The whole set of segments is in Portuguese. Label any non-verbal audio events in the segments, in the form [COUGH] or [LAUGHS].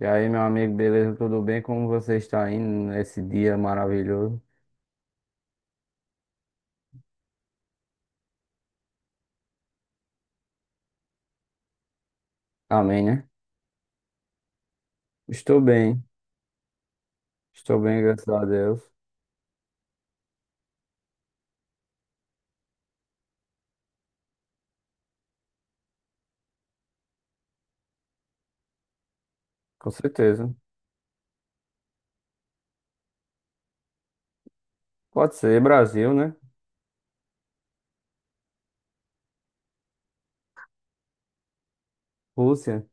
E aí, meu amigo, beleza? Tudo bem? Como você está indo nesse dia maravilhoso? Amém, né? Estou bem, estou bem, graças a Deus. Com certeza. Pode ser Brasil, né? Rússia,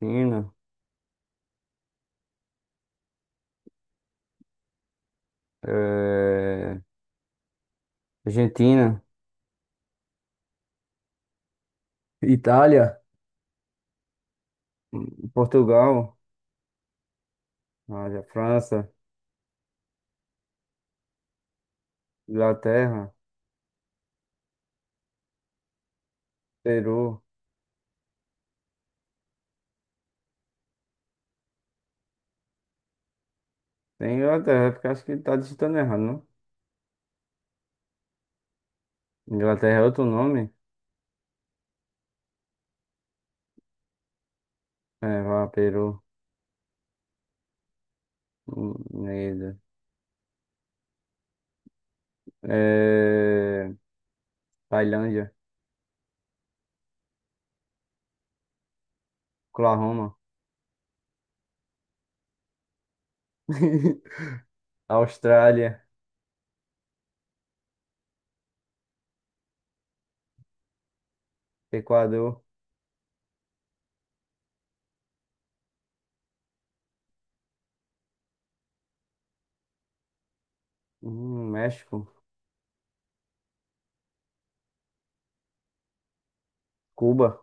China, eh, Argentina, Itália, Portugal, olha, França, Inglaterra, Peru. Tem Inglaterra, porque acho que tá digitando errado, não? Inglaterra é outro nome? É, vá, Peru, Neida. Eh, Tailândia. Oklahoma, [LAUGHS] Austrália, Equador, México, Cuba,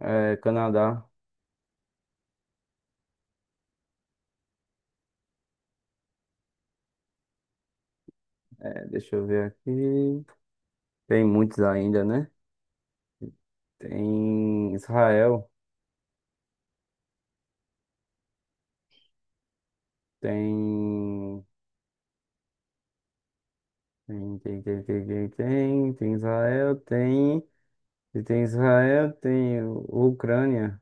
Canadá. Deixa eu ver aqui. Tem muitos ainda, né? Tem Israel, tem. Tem Israel, tem. E tem Israel, tem Ucrânia,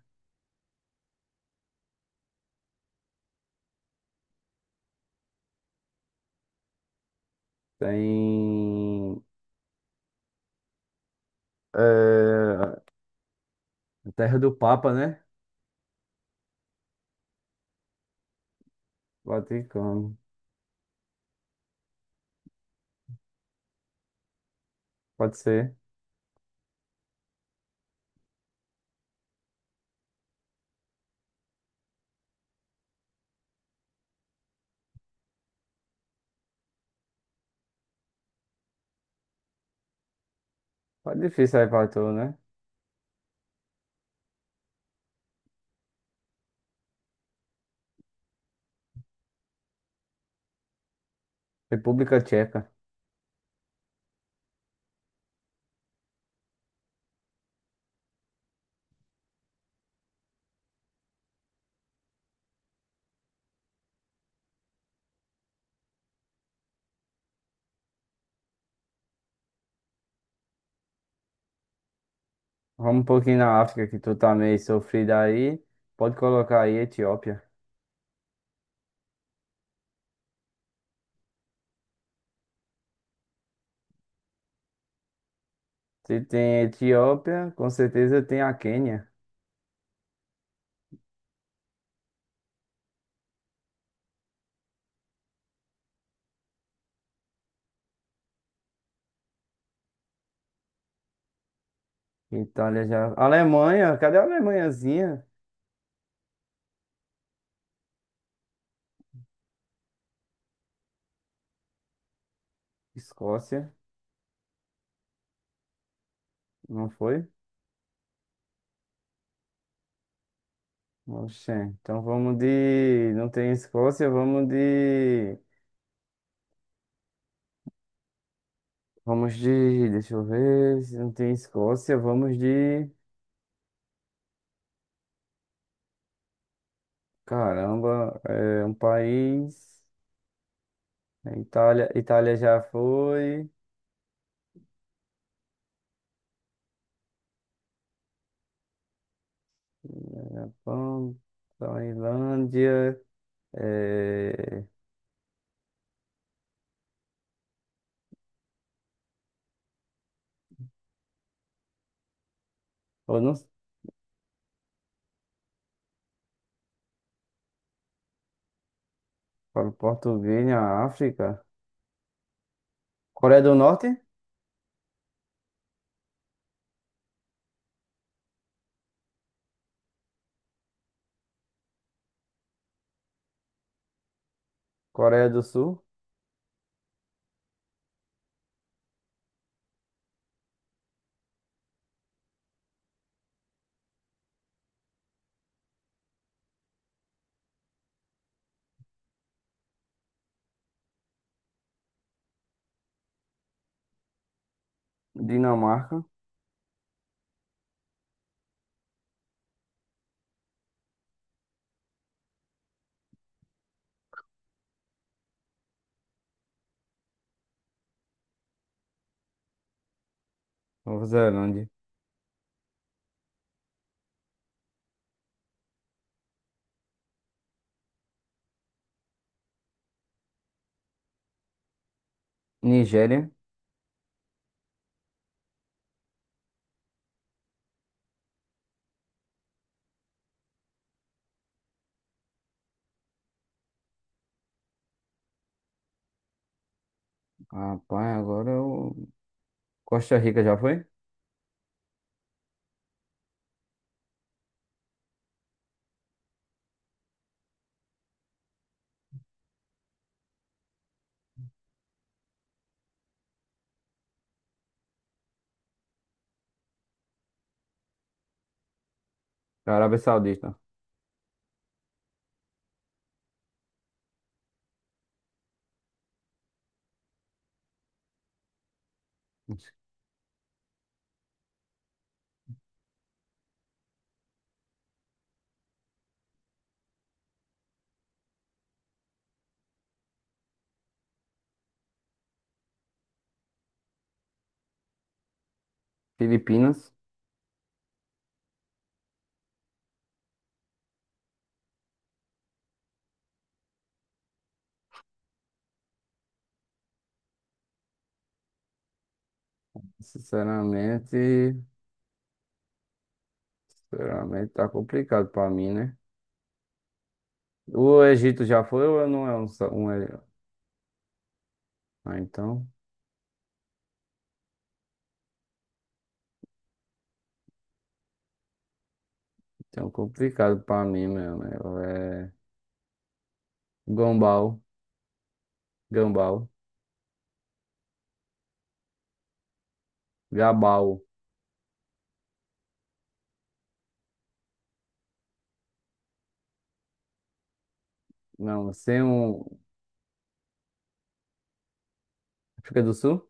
tem. É, a Terra do Papa, né? Vaticano. Pode ser. Pode difícil aí pra tu, né? República Tcheca. Vamos um pouquinho na África, que tu tá meio sofrido aí. Pode colocar aí Etiópia. Se tem Etiópia, com certeza tem a Quênia. Itália já. Alemanha, cadê a Alemanhazinha? Escócia, não foi? Oxê. Então vamos de. Não tem Escócia, vamos de. Vamos de. Deixa eu ver. Se não tem Escócia, vamos de. Caramba, é um país. É Itália, Itália já foi. Vamos. Tailândia. É... Eu não falo português na África. Coreia do Norte, Coreia do Sul, Dinamarca, Nova Zelândia, Nigéria. Rapaz, agora eu... Costa Rica já foi? Arábia Saudita. Filipinas. Sinceramente, sinceramente tá complicado pra mim, né? O Egito já foi ou não é um... só- um... é- Ah, então, então complicado pra mim mesmo, né? É Gombal, Gambal, Gabal. Não, sem um. África do Sul?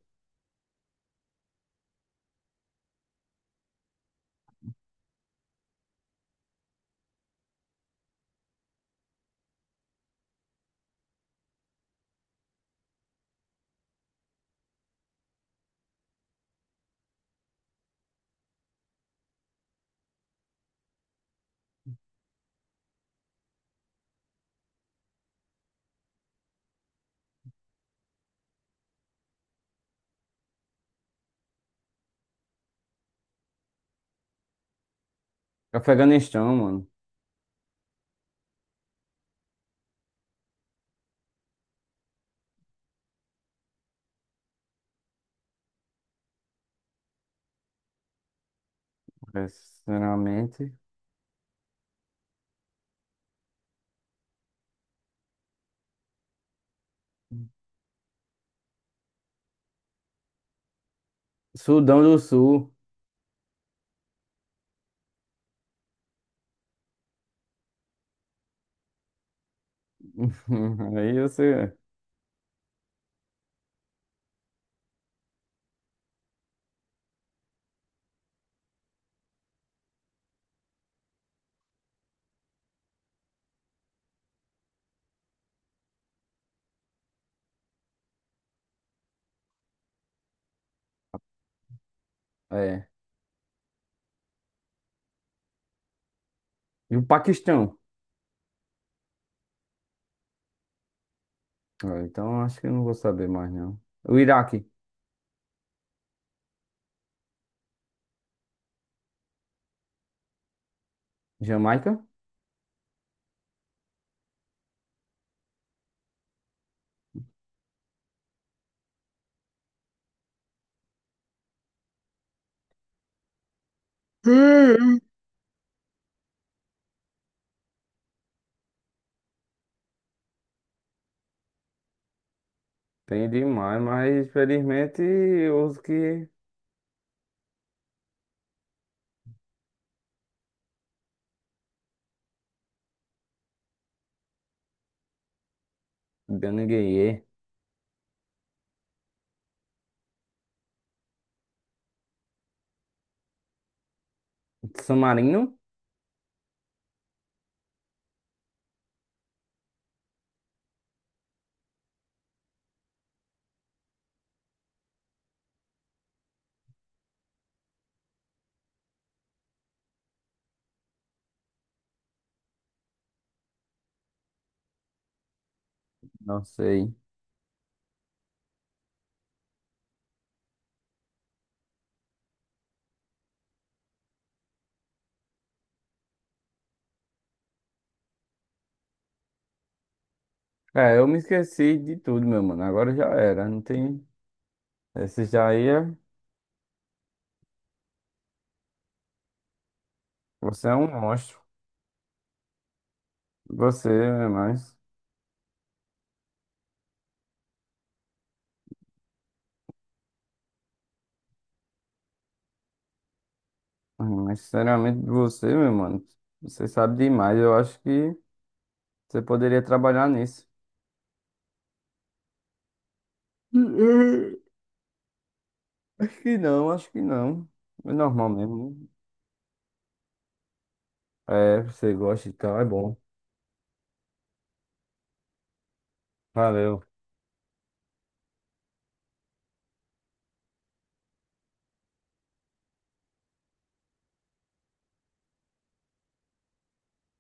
Afeganistão, mano. É, sinceramente. Sudão do Sul. [LAUGHS] Aí você. É. E o Paquistão. Ah, então acho que eu não vou saber mais, não. O Iraque. Jamaica? Hum. Tem demais, mas infelizmente os que. Ganhei. San Marino? Não sei. É, eu me esqueci de tudo, meu mano. Agora já era. Não tem. Esse já ia. Você é um monstro. Você é mais. Ah, mas sinceramente, você, meu mano, você sabe demais. Eu acho que você poderia trabalhar nisso. [LAUGHS] Acho que não, acho que não. É normal mesmo. Né? É, você gosta e tal, é bom. Valeu,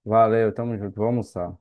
valeu, tamo junto, vamos almoçar.